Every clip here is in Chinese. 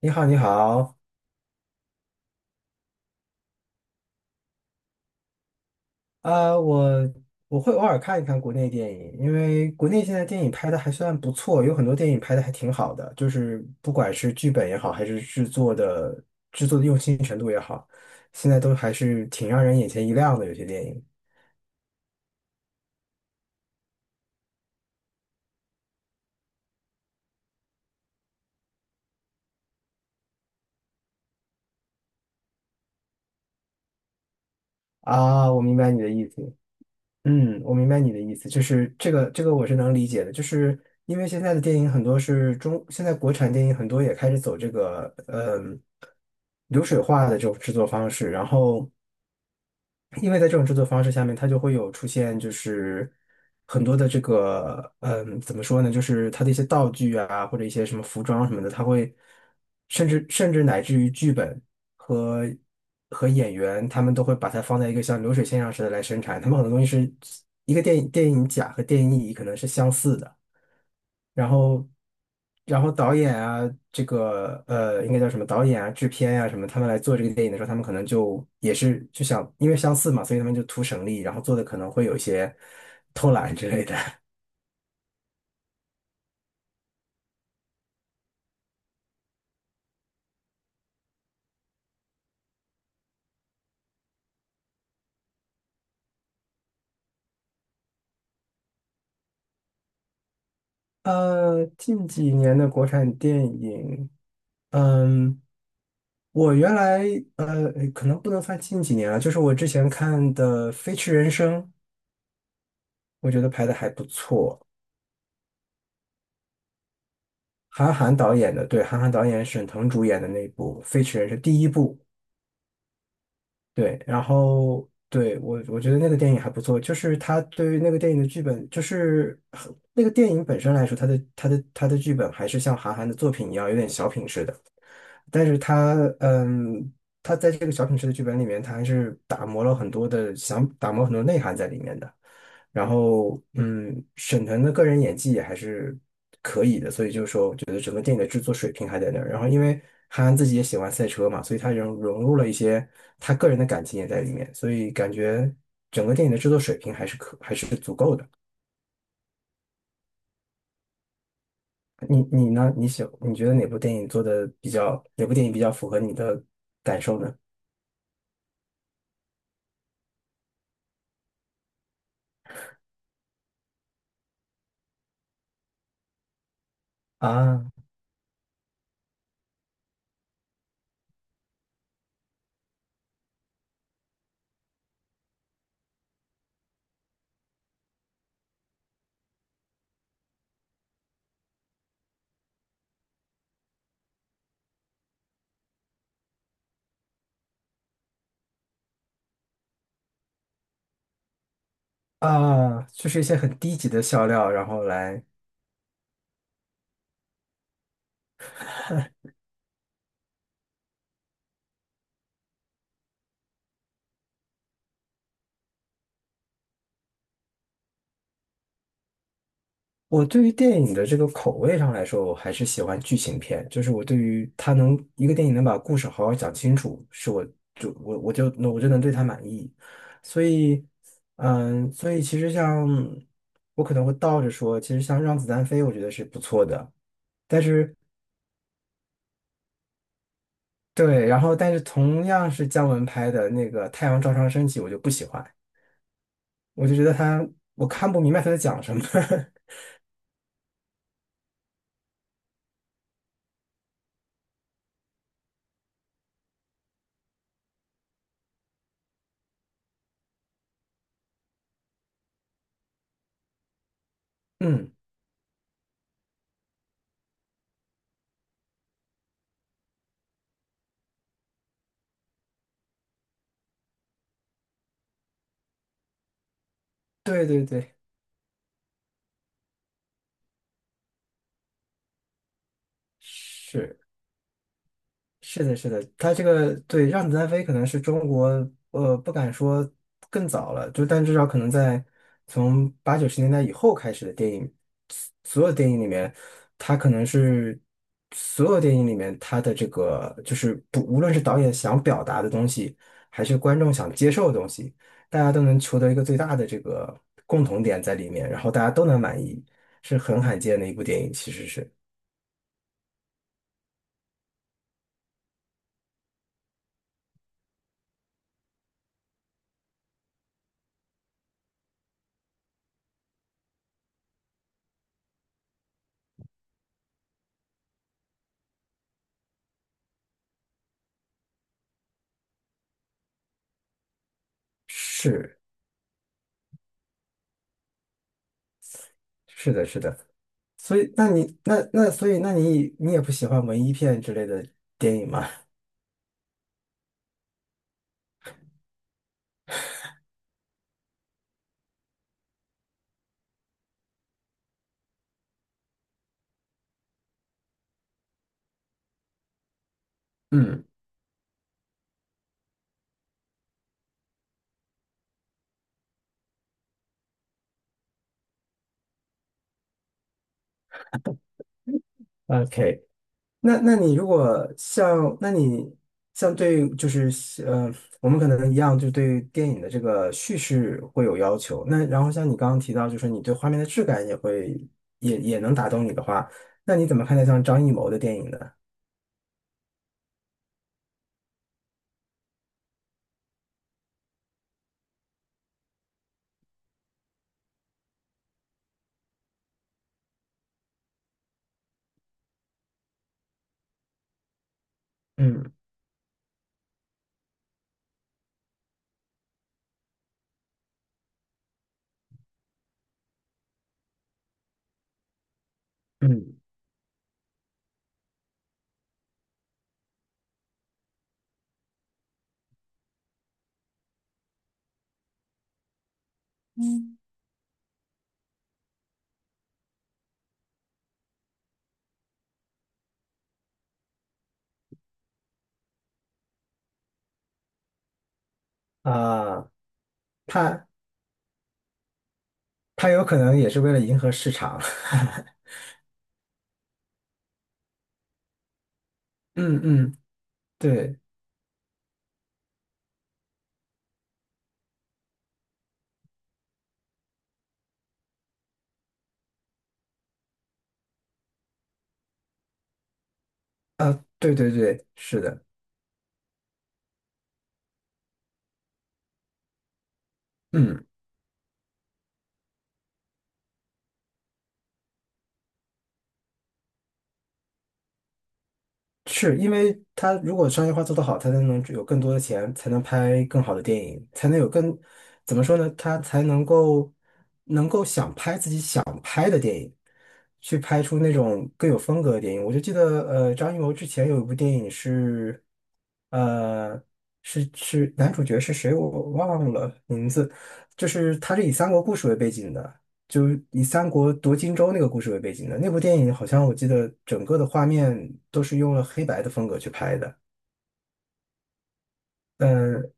你好，你好。呃，我我会偶尔看一看国内电影，因为国内现在电影拍的还算不错，有很多电影拍的还挺好的，就是不管是剧本也好，还是制作的用心程度也好，现在都还是挺让人眼前一亮的。有些电影。啊，我明白你的意思。嗯，我明白你的意思，就是这个我是能理解的，就是因为现在的电影很多是中，现在国产电影很多也开始走这个流水化的这种制作方式，然后。因为在这种制作方式下面，它就会有出现，就是很多的这个，怎么说呢，就是它的一些道具啊，或者一些什么服装什么的，它会甚至乃至于剧本和和演员，他们都会把它放在一个像流水线上似的来生产。他们很多东西是一个电影甲和电影乙可能是相似的。然后，然后导演啊，这个应该叫什么导演啊、制片呀什么，他们来做这个电影的时候，他们可能就也是就想，因为相似嘛，所以他们就图省力，然后做的可能会有一些 偷懒之类的。近几年的国产电影。嗯，我原来可能不能算近几年啊，就是我之前看的《飞驰人生》，我觉得拍的还不错。韩寒导演的，对，韩寒导演、沈腾主演的那部《飞驰人生》第一部，对，然后对，我觉得那个电影还不错，就是他对于那个电影的剧本，就是很那个电影本身来说，他的剧本还是像韩寒的作品一样，有点小品式的。但是他，嗯，他在这个小品式的剧本里面，他还是打磨了很多的，想打磨很多内涵在里面的。然后，嗯，沈腾的个人演技也还是，也就是说，我觉得整个电影的制作水平还在那儿。然后因为韩寒自己也喜欢赛车嘛，所以他融入了一些他个人的感情也在里面，所以感觉整个电影的制作水平还是还是足够的。你呢？你觉得哪部电影做的比较，哪部电影比较符合你的感受呢？啊啊，就是一些很低级的笑料，然后来。我对于电影的这个口味上来说，我还是喜欢剧情片。就是我对于它，能一个电影能把故事好好讲清楚，是我就我我就那我就能对它满意。所以，嗯，所以其实像，我可能会倒着说，其实像《让子弹飞》，我觉得是不错的。但是，对，然后但是同样是姜文拍的那个《太阳照常升起》，我就不喜欢，我就觉得他，我看不明白他在讲什么。嗯，对对对，是。是的，是的，他这个，对"让子弹飞"可能是中国，不敢说更早了，就但至少可能在从八九十年代以后开始的电影，所有电影里面，它可能是所有电影里面它的这个就是不，无论是导演想表达的东西，还是观众想接受的东西，大家都能求得一个最大的这个共同点在里面，然后大家都能满意，是很罕见的一部电影，其实是，是是的，是的。所以，那你所以，那你也不喜欢文艺片之类的电影吗？嗯，OK,那你如果像，那你，像对，就是，呃，我们可能一样，就对电影的这个叙事会有要求。那然后像你刚刚提到，就是你对画面的质感也会，也能打动你的话，那你怎么看待像张艺谋的电影呢？嗯嗯，啊、他他有可能也是为了迎合市场。嗯嗯，对。啊，对对对，是的。嗯，是因为他如果商业化做得好，他才能有更多的钱，才能拍更好的电影，才能有更，怎么说呢？他才能够去拍出那种更有风格的电影。我就记得，张艺谋之前有一部电影是，呃，是男主角是谁我忘了名字，就是他是以三国故事为背景的，就是以三国夺荆州那个故事为背景的。那部电影好像我记得整个的画面都是用了黑白的风格去拍的。嗯，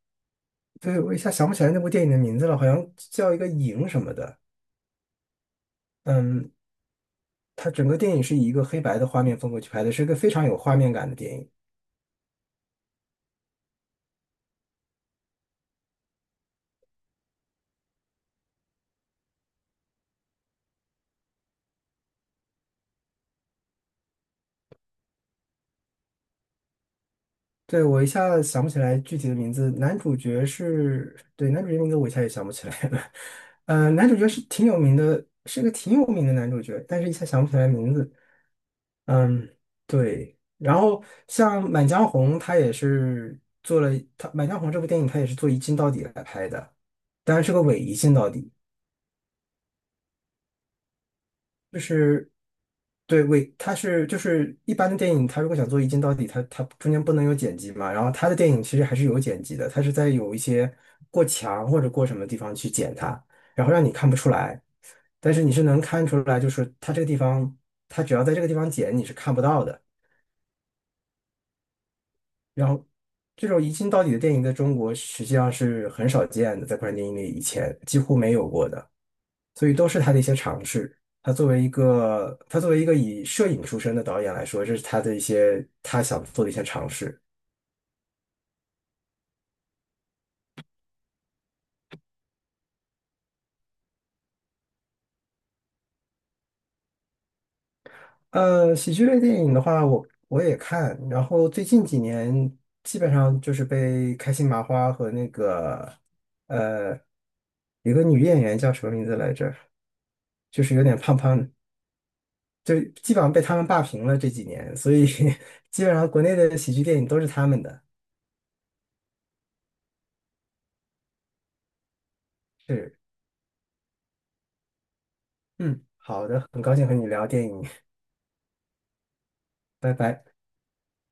对，我一下想不起来那部电影的名字了，好像叫一个影什么的。嗯，它整个电影是以一个黑白的画面风格去拍的，是一个非常有画面感的电影。对，我一下想不起来具体的名字，男主角是，对，男主角名字我一下也想不起来了。男主角是挺有名的，是个挺有名的男主角，但是一下想不起来名字。嗯，对。然后像《满江红》，他也是做了，他《满江红》这部电影，他也是做一镜到底来拍的，当然是个伪一镜到底。就是，对尾，为它是，就是一般的电影，它如果想做一镜到底，它中间不能有剪辑嘛。然后它的电影其实还是有剪辑的，它是在有一些过墙或者过什么地方去剪它，然后让你看不出来，但是你是能看出来，就是它这个地方，它只要在这个地方剪，你是看不到的。然后这种一镜到底的电影在中国实际上是很少见的，在国产电影里以前几乎没有过的。所以都是他的一些尝试。他作为一个以摄影出身的导演来说，这是他的一些他想做的一些尝试。喜剧类电影的话，我也看，然后最近几年基本上就是被开心麻花和那个，呃有个女演员叫什么名字来着，就是有点胖胖的，就基本上被他们霸屏了这几年，所以 基本上国内的喜剧电影都是他们的。是。嗯，好的，很高兴和你聊电影。拜拜。